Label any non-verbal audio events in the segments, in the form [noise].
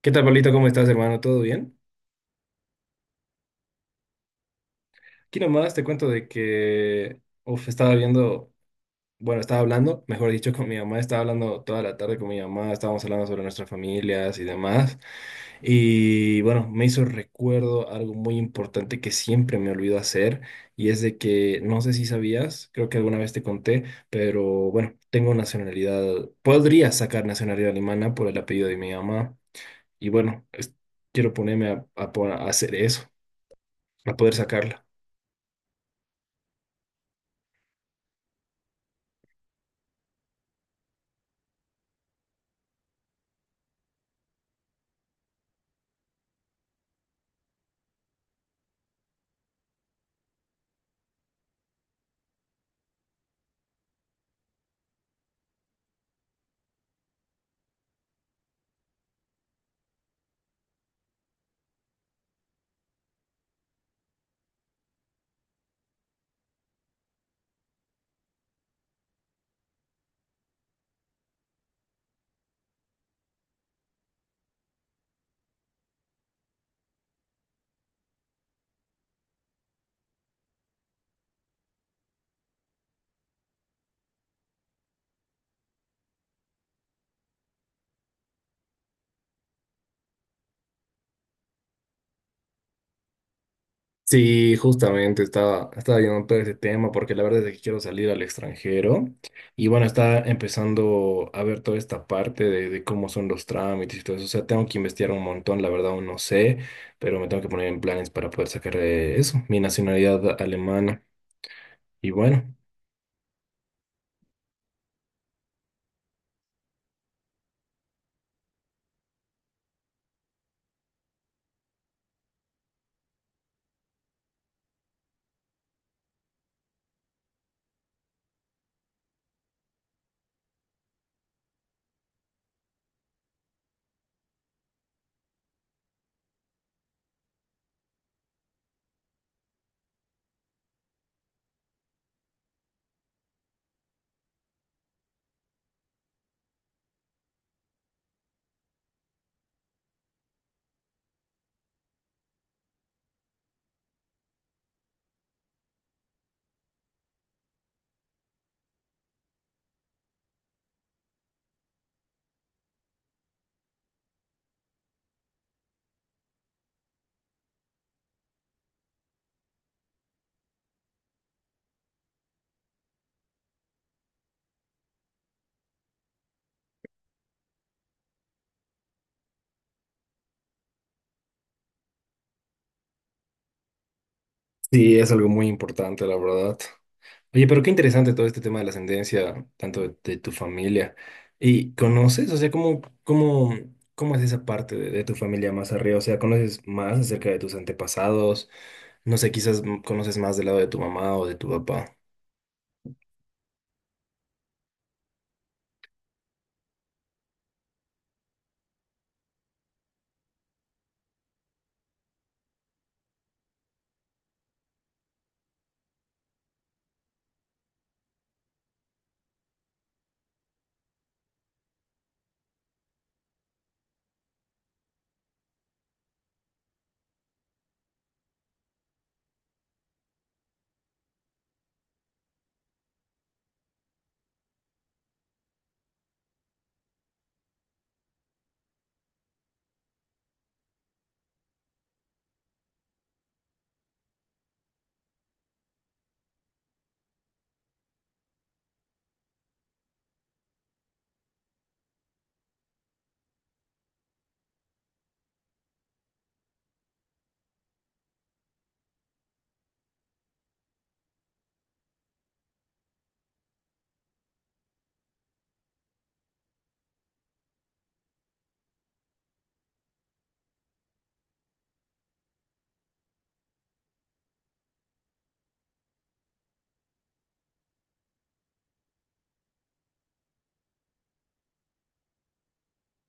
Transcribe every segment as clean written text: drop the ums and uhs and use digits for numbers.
¿Qué tal, Pablito? ¿Cómo estás, hermano? ¿Todo bien? Aquí nomás te cuento de que, uf, estaba viendo, bueno, estaba hablando, mejor dicho, [laughs] con mi mamá, estaba hablando toda la tarde con mi mamá, estábamos hablando sobre nuestras familias y demás. Y bueno, me hizo recuerdo algo muy importante que siempre me olvido hacer, y es de que, no sé si sabías, creo que alguna vez te conté, pero bueno, tengo nacionalidad, podría sacar nacionalidad alemana por el apellido de mi mamá, y bueno, quiero ponerme a hacer eso. A poder sacarla. Sí, justamente estaba viendo todo ese tema porque la verdad es que quiero salir al extranjero y bueno, está empezando a ver toda esta parte de cómo son los trámites y todo eso. O sea, tengo que investigar un montón, la verdad aún no sé, pero me tengo que poner en planes para poder sacar eso, mi nacionalidad alemana. Y bueno. Sí, es algo muy importante, la verdad. Oye, pero qué interesante todo este tema de la ascendencia, tanto de tu familia. ¿Y conoces? O sea, ¿cómo es esa parte de tu familia más arriba? O sea, ¿conoces más acerca de tus antepasados? No sé, quizás conoces más del lado de tu mamá o de tu papá.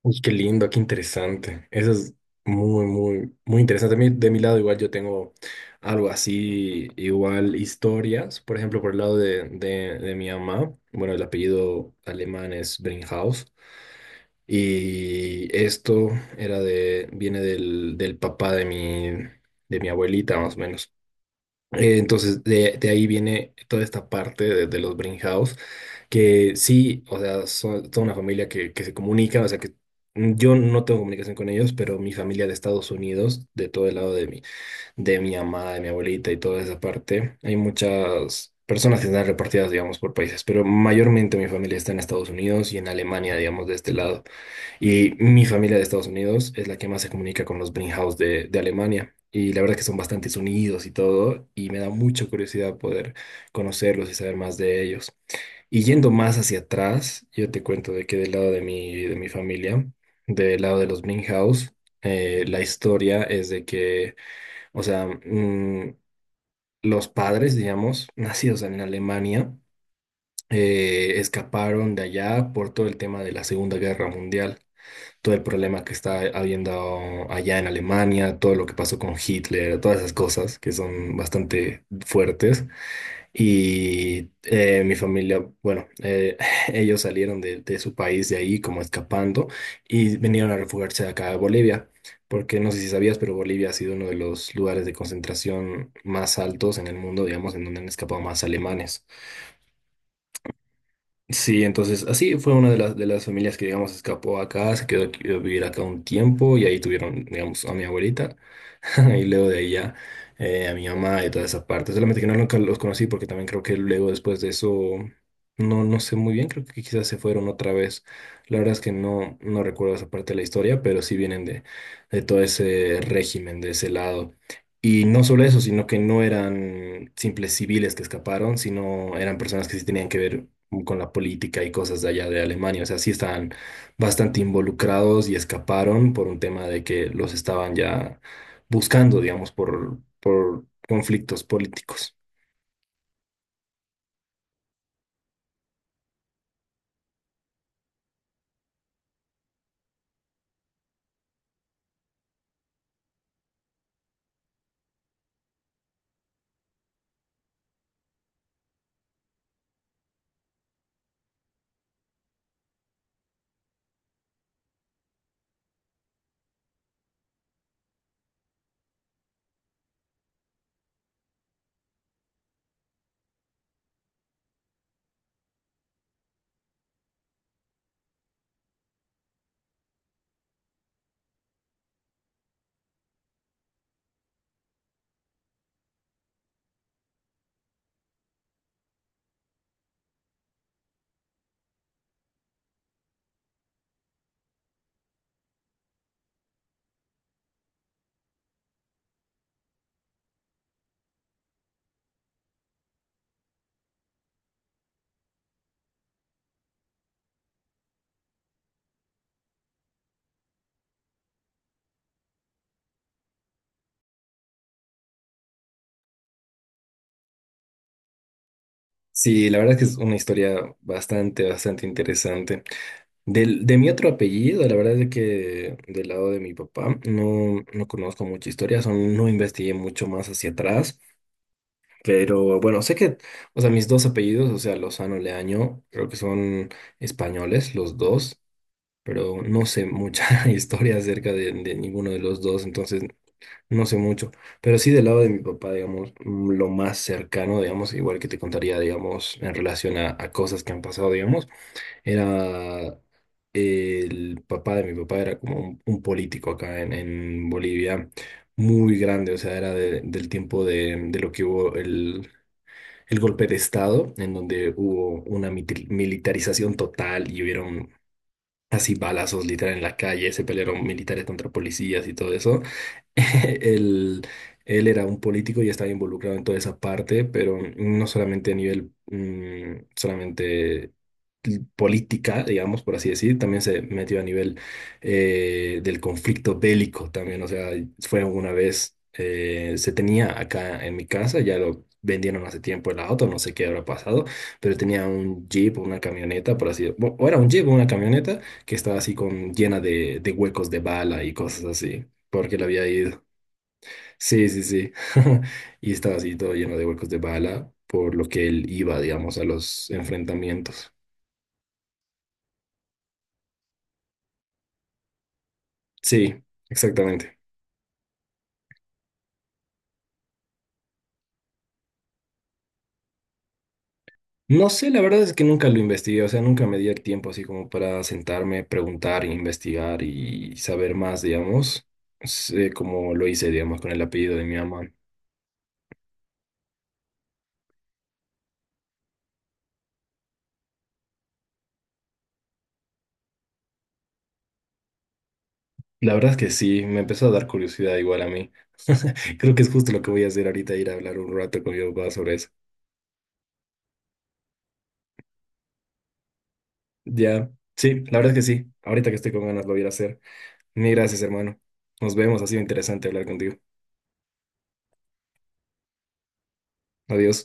Uy, qué lindo, qué interesante. Eso es muy, muy, muy interesante. De mi lado, igual yo tengo algo así, igual historias. Por ejemplo, por el lado de mi mamá, bueno, el apellido alemán es Brinkhaus. Y esto era de, viene del papá de mi abuelita, más o menos. Entonces, de ahí viene toda esta parte de los House que sí, o sea, son toda una familia que se comunica, o sea, que yo no tengo comunicación con ellos, pero mi familia de Estados Unidos, de todo el lado de mi mamá, de mi abuelita y toda esa parte. Hay muchas personas que están repartidas, digamos, por países, pero mayormente mi familia está en Estados Unidos y en Alemania, digamos, de este lado. Y mi familia de Estados Unidos es la que más se comunica con los Brinkhaus de Alemania. Y la verdad que son bastantes unidos y todo, y me da mucha curiosidad poder conocerlos y saber más de ellos. Y yendo más hacia atrás, yo te cuento de que del lado de mi familia, del lado de los Brinkhaus, la historia es de que o sea, los padres, digamos, [laughs] nacidos en Alemania, escaparon de allá por todo el tema de la Segunda Guerra Mundial, todo el problema que está habiendo allá en Alemania, todo lo que pasó con Hitler, todas esas cosas que son bastante fuertes. Y mi familia, bueno, [laughs] ellos salieron de su país de ahí como escapando y vinieron a refugiarse acá a Bolivia, porque no sé si sabías, pero Bolivia ha sido uno de los lugares de concentración más altos en el mundo, digamos, en donde han escapado más alemanes. Sí, entonces así fue una de las familias que, digamos, escapó acá, se quedó a vivir acá un tiempo y ahí tuvieron, digamos, a mi abuelita. [laughs] Y luego de ahí ya a mi mamá y toda esa parte. Solamente que no nunca los conocí porque también creo que luego después de eso, no sé muy bien, creo que quizás se fueron otra vez. La verdad es que no, no recuerdo esa parte de la historia, pero sí vienen de todo ese régimen, de ese lado. Y no solo eso, sino que no eran simples civiles que escaparon, sino eran personas que sí tenían que ver con la política y cosas de allá de Alemania. O sea, sí estaban bastante involucrados y escaparon por un tema de que los estaban ya buscando, digamos, por conflictos políticos. Sí, la verdad es que es una historia bastante, bastante interesante. De mi otro apellido, la verdad es que del lado de mi papá no, no conozco mucha historia, no investigué mucho más hacia atrás, pero bueno, sé que, o sea, mis dos apellidos, o sea, Lozano, Leaño, creo que son españoles los dos, pero no sé mucha [laughs] historia acerca de ninguno de los dos, entonces no sé mucho, pero sí del lado de mi papá, digamos, lo más cercano, digamos, igual que te contaría, digamos, en relación a cosas que han pasado, digamos, era el papá de mi papá, era como un político acá en Bolivia, muy grande, o sea, era del tiempo de lo que hubo el golpe de Estado, en donde hubo una militarización total y hubieron así balazos literal en la calle, se pelearon militares contra policías y todo eso. [laughs] Él, él era un político y estaba involucrado en toda esa parte, pero no solamente a nivel solamente política, digamos, por así decir, también se metió a nivel del conflicto bélico también, o sea, fue una vez, se tenía acá en mi casa, ya lo vendieron hace tiempo el auto, no sé qué habrá pasado, pero tenía un jeep, o una camioneta, por así, decirlo, o era un jeep o una camioneta que estaba así con llena de huecos de bala y cosas así porque la había ido. Sí, sí, sí. [laughs] Y estaba así todo lleno de huecos de bala, por lo que él iba, digamos, a los enfrentamientos. Sí, exactamente. No sé, la verdad es que nunca lo investigué, o sea, nunca me di el tiempo así como para sentarme, preguntar, investigar y saber más, digamos, sé como lo hice, digamos, con el apellido de mi mamá. La verdad es que sí, me empezó a dar curiosidad igual a mí. [laughs] Creo que es justo lo que voy a hacer ahorita, ir a hablar un rato con mi papá sobre eso. Ya, sí, la verdad es que sí. Ahorita que estoy con ganas lo voy a ir a hacer. Ni gracias, hermano. Nos vemos. Ha sido interesante hablar contigo. Adiós.